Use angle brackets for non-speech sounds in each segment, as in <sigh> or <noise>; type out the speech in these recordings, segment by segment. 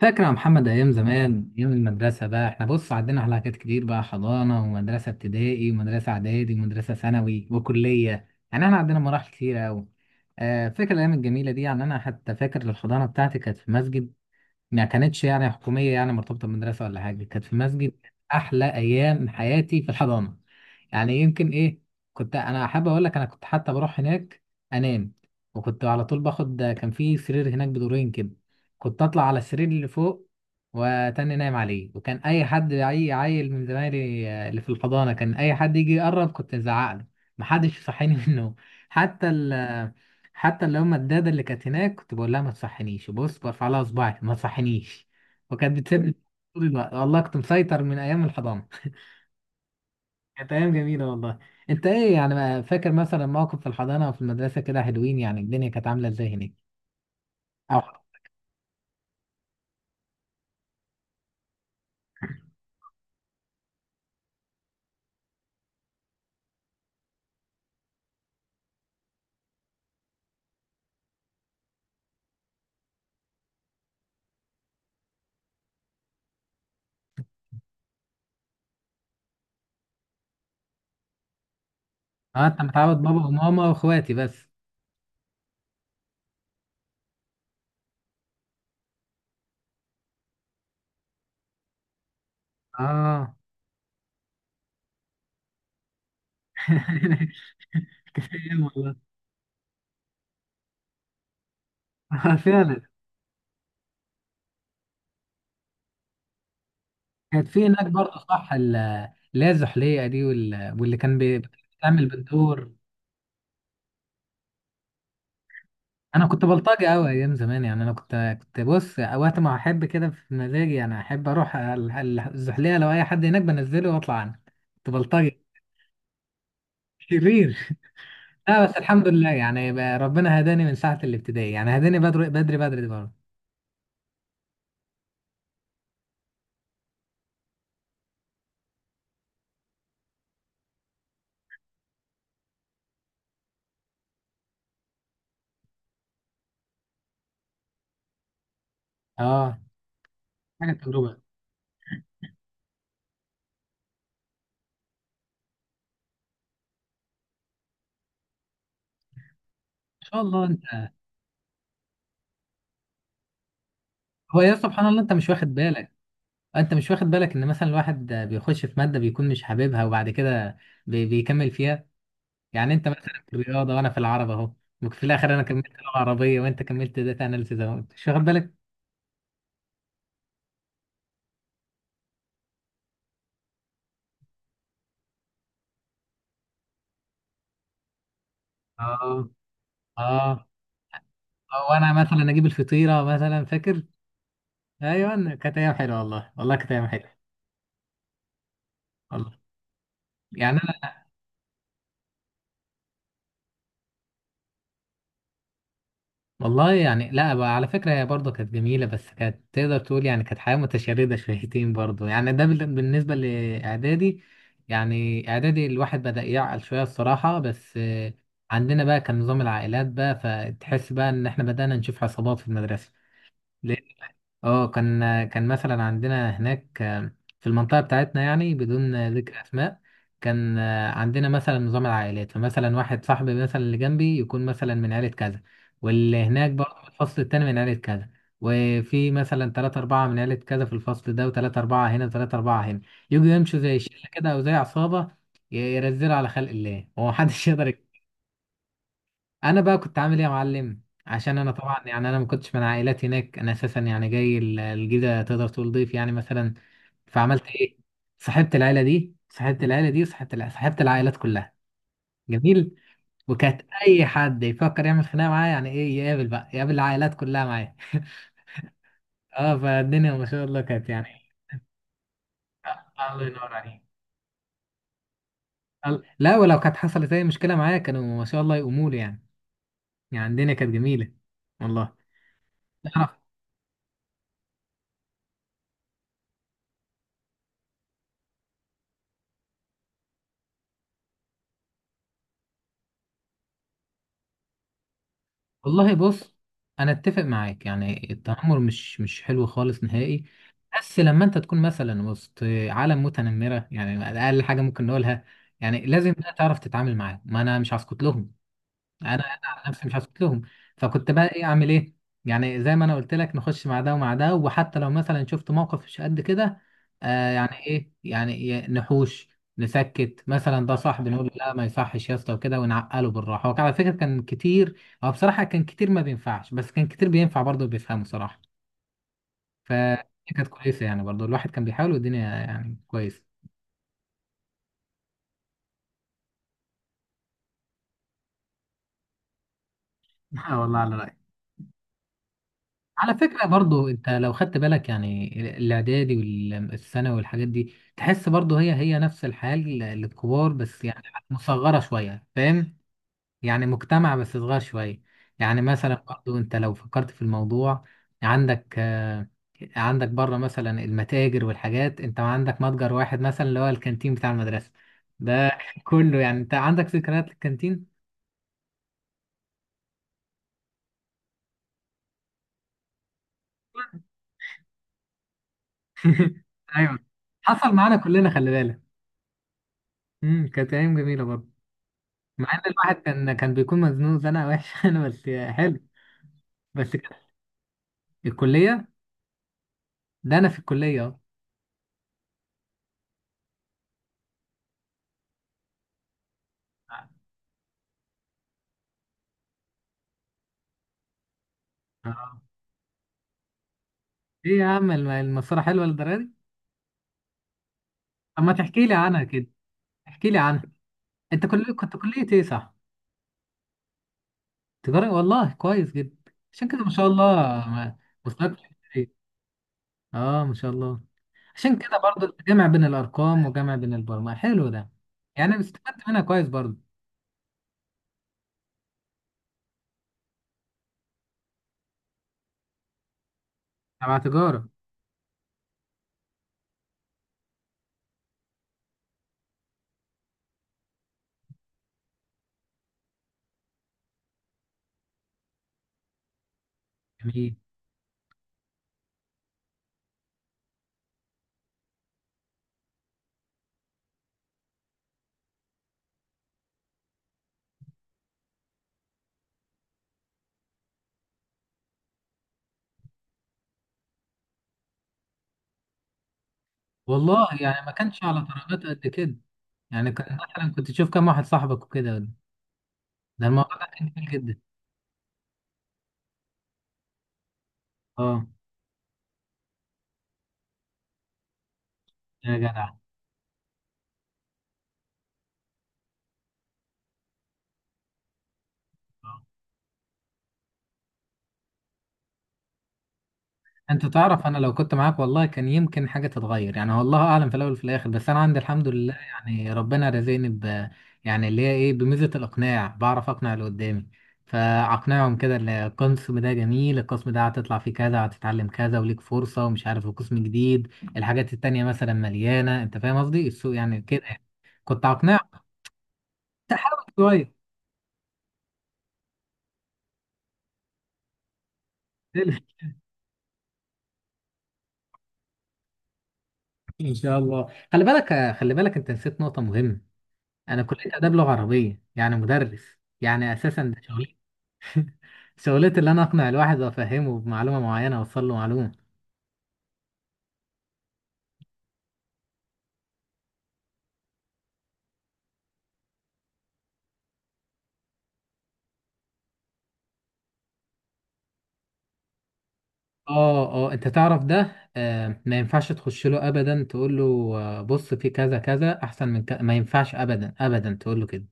فاكر يا محمد أيام زمان، أيام المدرسة بقى، إحنا بص عدينا على حاجات كتير بقى، حضانة ومدرسة ابتدائي ومدرسة إعدادي ومدرسة ثانوي وكلية. يعني إحنا عدينا مراحل كتيرة أوي. آه، فاكر الأيام الجميلة دي. يعني أنا حتى فاكر الحضانة بتاعتي كانت في مسجد. ما كانتش يعني حكومية، يعني مرتبطة بمدرسة ولا حاجة، كانت في مسجد. كانت أحلى أيام حياتي في الحضانة. يعني يمكن إيه، كنت أنا حابب أقول لك، أنا كنت حتى بروح هناك أنام. وكنت على طول باخد، كان في سرير هناك بدورين كده، كنت أطلع على السرير اللي فوق وتاني نايم عليه. وكان أي حد، أي عيل من زمايلي، آه، اللي في الحضانة، كان أي حد يجي يقرب كنت أزعق له محدش يصحيني <laughs> منه. حتى ال حتى اللي هم الدادة اللي كانت هناك كنت بقول لها ما تصحنيش، بص، برفع لها صباعي ما تصحنيش. وكانت بتسيب لي طول الوقت. والله كنت مسيطر من ايام الحضانة. <laughs> كانت ايام جميلة والله. انت ايه يعني، ما فاكر مثلا موقف في الحضانة او في المدرسة كده حلوين؟ يعني الدنيا كانت عاملة ازاي هناك؟ او اه، انت متعود بابا وماما واخواتي بس. اه. <laughs> كانت أيام والله. آه، فعلا. كانت في هناك برضه، صح، اللي هي الزحليقة دي، وال- واللي كان بتعمل بالدور. انا كنت بلطجي قوي ايام زمان، يعني انا كنت بص وقت ما احب كده في مزاجي، يعني احب اروح الزحليقه لو اي حد هناك بنزله واطلع عنه. كنت بلطجي شرير. لا بس الحمد لله، يعني بقى ربنا هداني من ساعه الابتدائي، يعني هداني بدري بدري بدري برضه. اه، حاجه، تجربه. ان شاء الله انت. هو يا سبحان الله، انت مش واخد بالك؟ انت مش واخد بالك ان مثلا الواحد بيخش في ماده بيكون مش حاببها، وبعد كده بيكمل فيها؟ يعني انت مثلا في الرياضه، وانا في العربي اهو. وفي الاخر انا كملت لغه عربيه، وانت كملت داتا اناليسيز اهو. مش واخد بالك؟ اه، اه. او انا مثلا اجيب الفطيره مثلا، فاكر؟ ايوه، كانت ايام حلوه والله. والله كانت ايام حلوه. والله يعني. والله يعني، لا بقى، على فكرة هي برضه كانت جميلة، بس كانت تقدر تقول يعني كانت حياة متشردة شويتين برضه، يعني ده بالنسبة لإعدادي. يعني إعدادي الواحد بدأ يعقل شوية الصراحة، بس آه، عندنا بقى كان نظام العائلات بقى، فتحس بقى إن إحنا بدأنا نشوف عصابات في المدرسة. اه، كان مثلا عندنا هناك، آه، في المنطقة بتاعتنا، يعني بدون آه، ذكر أسماء، كان آه، عندنا مثلا نظام العائلات. فمثلا واحد صاحبي، مثلا اللي جنبي، يكون مثلا من عائلة كذا، واللي هناك برضه في الفصل التاني من عائلة كذا، وفي مثلا تلاتة أربعة من عائلة كذا في الفصل ده، وتلاتة أربعة هنا، وتلاتة أربعة هنا. يجوا يمشوا زي شلة كده أو زي عصابة، يرزلوا على خلق الله ومحدش <laughs> يقدر. انا بقى كنت عامل ايه يا معلم؟ عشان انا طبعا، يعني انا ما كنتش من عائلات هناك، انا اساسا يعني جاي الجيزه، تقدر تقول ضيف يعني مثلا. فعملت ايه؟ صاحبت العيله دي، صاحبت العيله دي، وصاحبت صاحبت العائلات كلها. جميل. وكانت اي حد يفكر يعمل خناقه معايا، يعني ايه، يقابل بقى، يقابل العائلات كلها معايا. <laughs> اه، فالدنيا ما شاء الله كانت يعني. آه، الله ينور عليك. لا ولو كانت حصلت اي مشكله معايا كانوا ما شاء الله يقوموا لي، يعني. يعني الدنيا كانت جميله والله. والله بص، انا اتفق معاك، يعني التنمر مش حلو خالص نهائي. بس لما انت تكون مثلا وسط عالم متنمره، يعني اقل حاجه ممكن نقولها، يعني لازم بقى تعرف تتعامل معاه. ما انا مش هسكت لهم. انا على نفسي مش هسكت لهم. فكنت بقى ايه، اعمل ايه؟ يعني زي ما انا قلت لك، نخش مع ده ومع ده. وحتى لو مثلا شفت موقف مش قد كده، آه، يعني ايه، يعني نحوش، نسكت مثلا، ده صاحب، نقول له لا ما يصحش يا اسطى وكده، ونعقله بالراحه. هو كان على فكره كان كتير، هو بصراحه كان كتير ما بينفعش، بس كان كتير بينفع برضه بيفهمه صراحه. فكانت كويسه، يعني برضه الواحد كان بيحاول، والدنيا يعني كويسه. <laughs> اه والله، على رأيك. على فكرة برضو، انت لو خدت بالك، يعني الاعدادي والثانوي والحاجات دي، تحس برضو هي هي نفس الحال للكبار، بس يعني مصغرة شوية، فاهم؟ يعني مجتمع بس صغير شوية. يعني مثلا برضو انت لو فكرت في الموضوع، عندك آه، عندك بره مثلا المتاجر والحاجات، انت عندك متجر واحد مثلا، اللي هو الكانتين بتاع المدرسة ده. <laughs> كله يعني انت عندك ذكريات للكانتين. <laughs> ايوه، حصل معانا كلنا، خلي بالك. كانت ايام جميلة برضو، مع ان الواحد كان بيكون مزنوق زنقه وحشه. <laughs> انا بس. حلو، بس كده. الكليه. ده انا في الكليه اهو. آه. ايه يا عم، المسيره حلوه للدرجه دي؟ طب ما تحكي لي عنها كده، احكي لي عنها. انت كنت كليه ايه، صح؟ تجاره، والله كويس جدا. عشان كده ما شاء الله. ما- مستواك في الكلية. اه، ما شاء الله. عشان كده برضو جمع بين الارقام وجمع بين البرمجه، حلو ده. يعني انا استفدت منها كويس برضو. تبع تجاره. جميل. والله يعني ما كانش على درجات قد كده، يعني مثلا كنت تشوف كام واحد صاحبك وكده. ده الموضوع ده كان جميل جدا. اه يا جدع، انت تعرف انا لو كنت معاك والله كان يمكن حاجه تتغير، يعني والله اعلم في الاول وفي الاخر. بس انا عندي الحمد لله، يعني ربنا رزقني يعني اللي هي ايه، بميزه الاقناع، بعرف اقنع اللي قدامي. فاقنعهم كده ان القسم ده جميل، القسم ده هتطلع فيه كذا، هتتعلم كذا، وليك فرصه، ومش عارف، وقسم جديد، الحاجات التانيه مثلا مليانه، انت فاهم قصدي، السوق يعني كده يعني. كنت اقنعهم. تحاول شويه. <laughs> ان شاء الله. خلي بالك، خلي بالك، انت نسيت نقطه مهمه. انا كليه اداب لغه عربيه، يعني مدرس، يعني اساسا ده شغلتي. <laughs> شغلتي اللي انا اقنع الواحد وافهمه بمعلومه معينه، اوصل له معلومه. اه، اه. انت تعرف ده، آه، ما ينفعش تخش له ابدا تقول له آه، بص في كذا كذا احسن من كذا. ما ينفعش ابدا ابدا تقول له كده.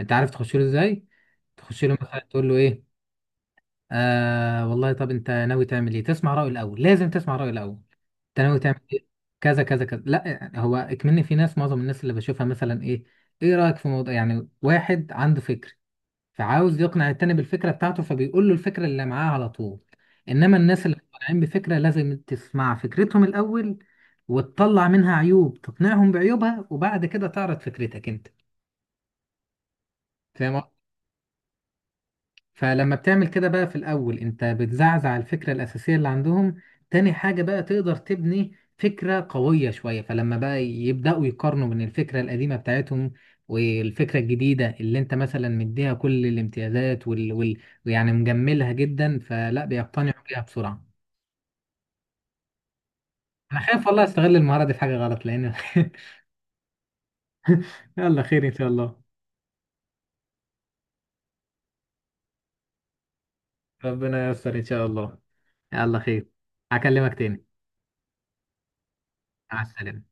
انت عارف تخش له ازاي؟ تخش له مثلا تقول له ايه، آه والله، طب انت ناوي تعمل ايه؟ تسمع رأيه الاول، لازم تسمع رأيه الاول. انت ناوي تعمل ايه؟ كذا كذا كذا. لا يعني، هو اكمني في ناس، معظم الناس اللي بشوفها مثلا ايه، ايه رأيك في موضوع؟ يعني واحد عنده فكر، فعاوز يقنع التاني بالفكرة بتاعته، فبيقول له الفكرة اللي معاه على طول. انما الناس اللي مقتنعين بفكرة، لازم تسمع فكرتهم الاول، وتطلع منها عيوب، تقنعهم بعيوبها، وبعد كده تعرض فكرتك انت، فاهم؟ فلما بتعمل كده بقى، في الأول أنت بتزعزع الفكرة الأساسية اللي عندهم، تاني حاجة بقى تقدر تبني فكرة قوية شوية، فلما بقى يبدأوا يقارنوا بين الفكرة القديمة بتاعتهم والفكرة الجديدة اللي أنت مثلا مديها كل الامتيازات ويعني مجملها جدا، فلا بيقتنعوا بيها بسرعة. أنا خايف والله أستغل المهارة دي في حاجة غلط، لأن. <laughs> يلا، خير إن شاء الله. ربنا ييسر إن شاء الله. يلا خير. هكلمك تاني. مع السلامة.